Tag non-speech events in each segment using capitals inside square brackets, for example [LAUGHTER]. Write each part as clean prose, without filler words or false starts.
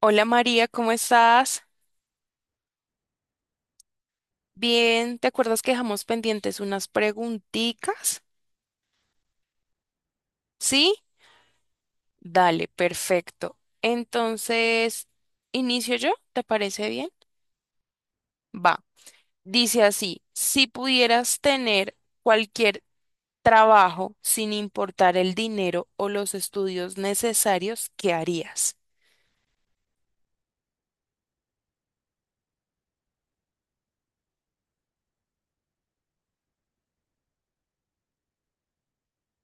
Hola María, ¿cómo estás? Bien, ¿te acuerdas que dejamos pendientes unas preguntitas? ¿Sí? Dale, perfecto. Entonces, ¿inicio yo? ¿Te parece bien? Va. Dice así, si pudieras tener cualquier trabajo sin importar el dinero o los estudios necesarios, ¿qué harías?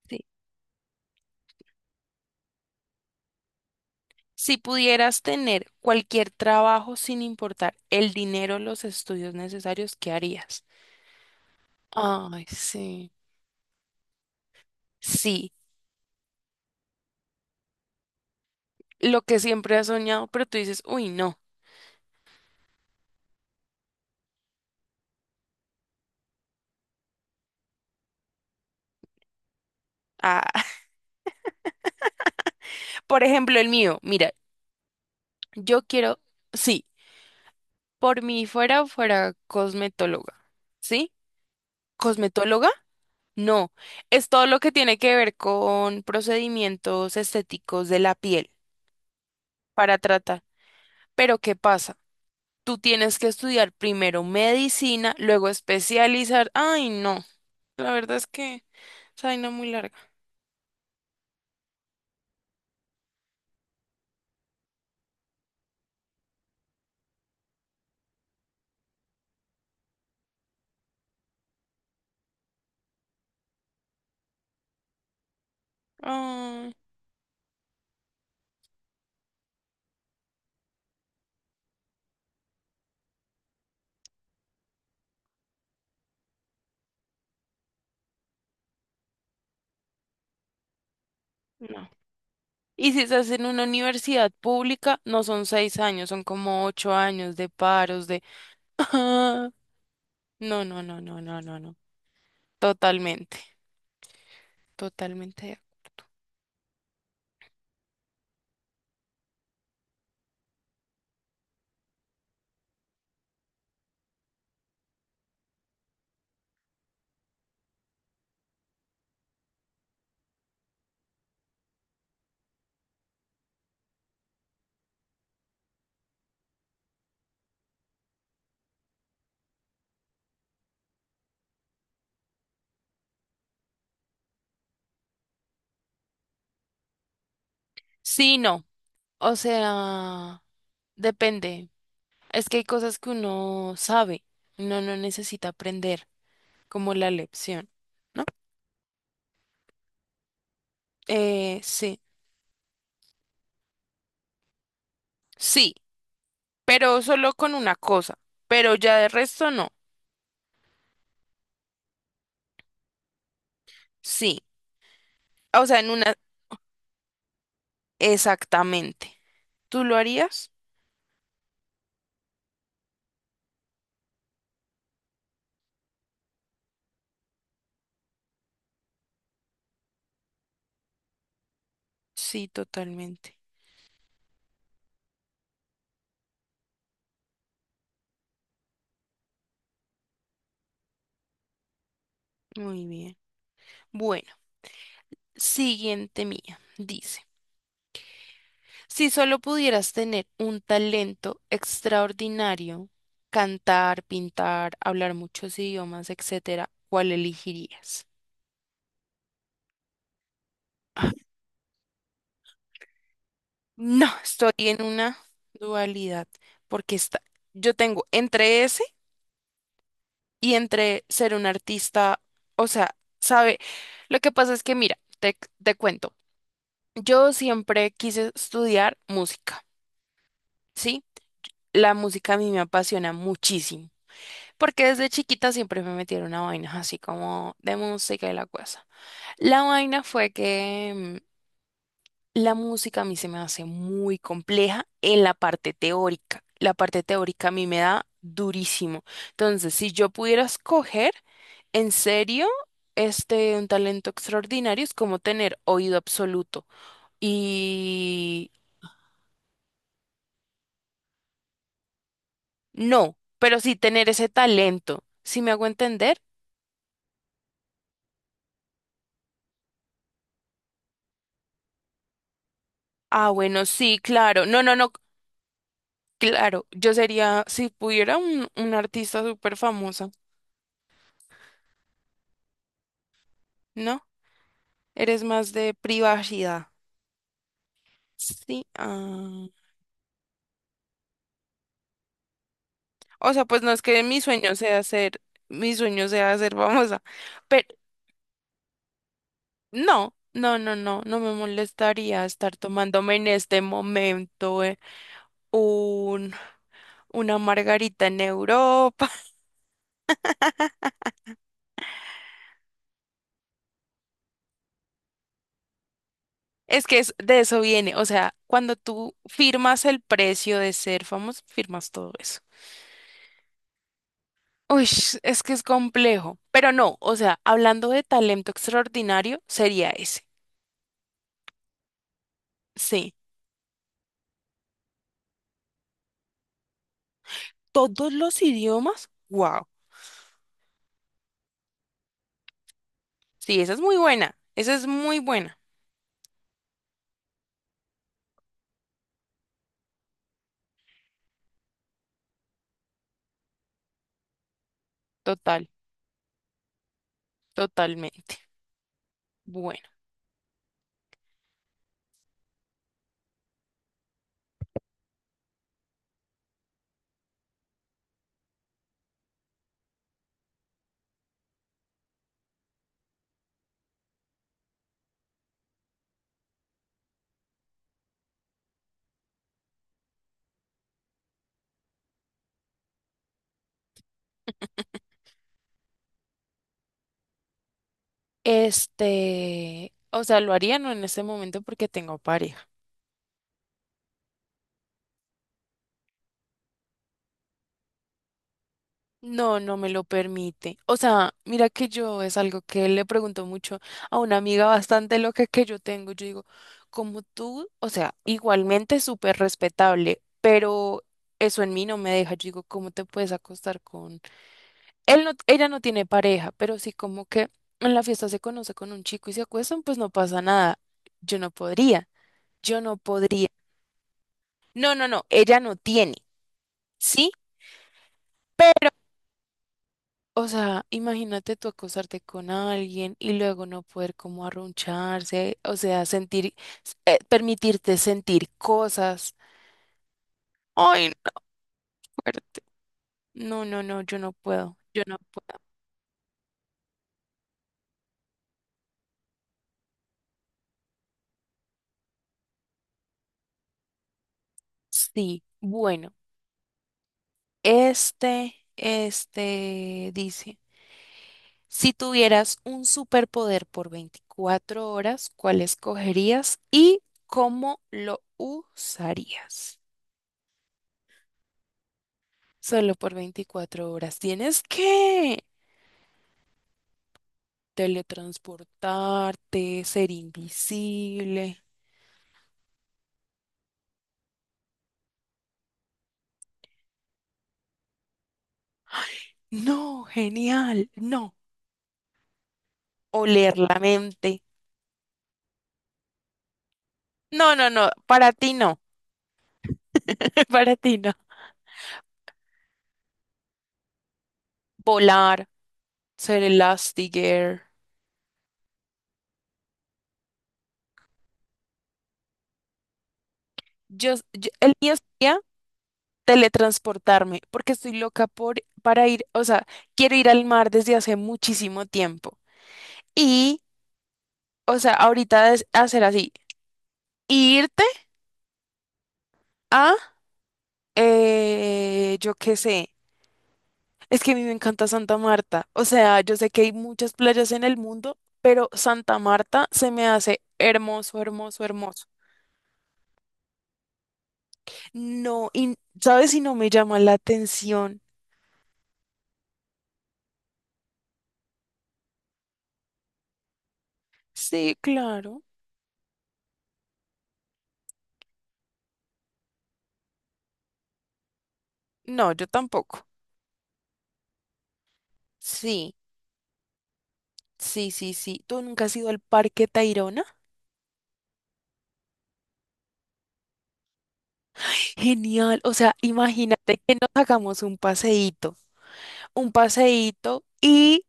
Sí. Si pudieras tener cualquier trabajo sin importar el dinero o los estudios necesarios, ¿qué harías? Ay, sí. Sí, lo que siempre has soñado, pero tú dices, uy, no. Ah, [LAUGHS] por ejemplo, el mío, mira, yo quiero, sí, por mí fuera, fuera cosmetóloga, ¿sí? ¿Cosmetóloga? No, es todo lo que tiene que ver con procedimientos estéticos de la piel para tratar. Pero ¿qué pasa? Tú tienes que estudiar primero medicina, luego especializar. Ay, no, la verdad es que es una muy larga. Ay, no. Y si estás en una universidad pública, no son 6 años, son como 8 años de paros, de... [LAUGHS] No, no, no, no, no, no, no. Totalmente, totalmente. Sí, no. O sea, depende. Es que hay cosas que uno sabe, uno no necesita aprender, como la lección, ¿no? Sí, sí, pero solo con una cosa, pero ya de resto no. Sí. O sea, en una... Exactamente. ¿Tú lo harías? Sí, totalmente. Muy bien. Bueno, siguiente mía. Dice, si solo pudieras tener un talento extraordinario, cantar, pintar, hablar muchos idiomas, etcétera, ¿cuál elegirías? No, estoy en una dualidad porque está, yo tengo entre ese y entre ser un artista, o sea, sabe, lo que pasa es que mira, te cuento, yo siempre quise estudiar música, ¿sí? La música a mí me apasiona muchísimo, porque desde chiquita siempre me metieron a vainas así como de música y la cosa. La vaina fue que la música a mí se me hace muy compleja en la parte teórica. La parte teórica a mí me da durísimo. Entonces, si yo pudiera escoger, en serio, un talento extraordinario es como tener oído absoluto. Y no, pero sí tener ese talento. ¿Si me hago entender? Ah, bueno, sí, claro. No, no, no, claro. Yo sería, si pudiera, un artista súper famosa, ¿no? Eres más de privacidad. Sí. Ah. O sea, pues no es que mi sueño sea ser, mi sueño sea ser famosa. Pero no, no, no, no, no me molestaría estar tomándome en este momento un, una margarita en Europa. [LAUGHS] Es que es- de eso viene. O sea, cuando tú firmas el precio de ser famoso, firmas todo eso. Uy, es que es complejo, pero no, o sea, hablando de talento extraordinario, sería ese. Sí, todos los idiomas, wow. Sí, esa es muy buena, esa es muy buena, total, totalmente. Bueno, o sea, lo haría no en este momento porque tengo pareja. No, no me lo permite. O sea, mira que yo es algo que le pregunto mucho a una amiga bastante loca que yo tengo. Yo digo, como tú, o sea, igualmente súper respetable, pero eso en mí no me deja. Yo digo, ¿cómo te puedes acostar con él? No, ella no tiene pareja, pero sí como que en la fiesta se conoce con un chico y se acuestan, pues no pasa nada. Yo no podría, yo no podría. No, no, no, ella no tiene, ¿sí? O sea, imagínate tú acostarte con alguien y luego no poder como arruncharse, o sea, sentir, permitirte sentir cosas. Ay, no, fuerte. No, no, no, yo no puedo, yo no puedo. Sí, bueno, este dice, si tuvieras un superpoder por 24 horas, ¿cuál escogerías y cómo lo usarías? Solo por 24 horas. Tienes que... teletransportarte, ser invisible. No, genial, no. Oler la mente. No, no, no, para ti no, [LAUGHS] para ti no. Volar, ser Elastigirl. El mío sería teletransportarme, porque estoy loca por, para ir, o sea, quiero ir al mar desde hace muchísimo tiempo. Y, o sea, ahorita es hacer así, irte a, yo qué sé. Es que a mí me encanta Santa Marta. O sea, yo sé que hay muchas playas en el mundo, pero Santa Marta se me hace hermoso, hermoso, hermoso. No, y ¿sabes si no me llama la atención? Sí, claro. No, yo tampoco. Sí, sí, sí, sí. ¿Tú nunca has ido al Parque Tayrona? Genial. O sea, imagínate que nos hagamos un paseíto y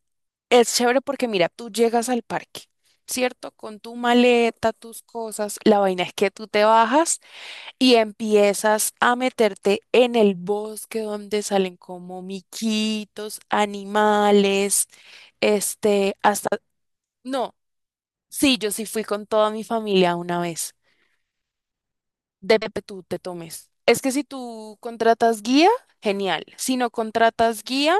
es chévere porque mira, tú llegas al parque, ¿cierto? Con tu maleta, tus cosas, la vaina es que tú te bajas y empiezas a meterte en el bosque donde salen como miquitos, animales, hasta... No, sí, yo sí fui con toda mi familia una vez. Debe que tú te tomes. Es que si tú contratas guía, genial. Si no contratas guía...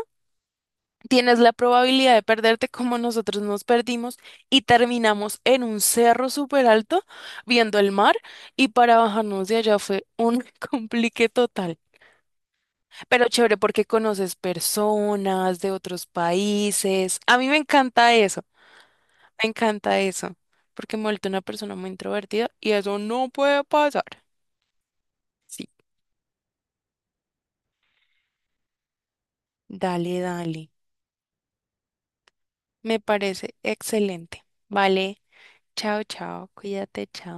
tienes la probabilidad de perderte como nosotros nos perdimos y terminamos en un cerro súper alto viendo el mar y para bajarnos de allá fue un [LAUGHS] complique total. Pero chévere porque conoces personas de otros países. A mí me encanta eso, porque me he vuelto una persona muy introvertida y eso no puede pasar. Sí, dale, dale. Me parece excelente. Vale, chao, chao, cuídate, chao.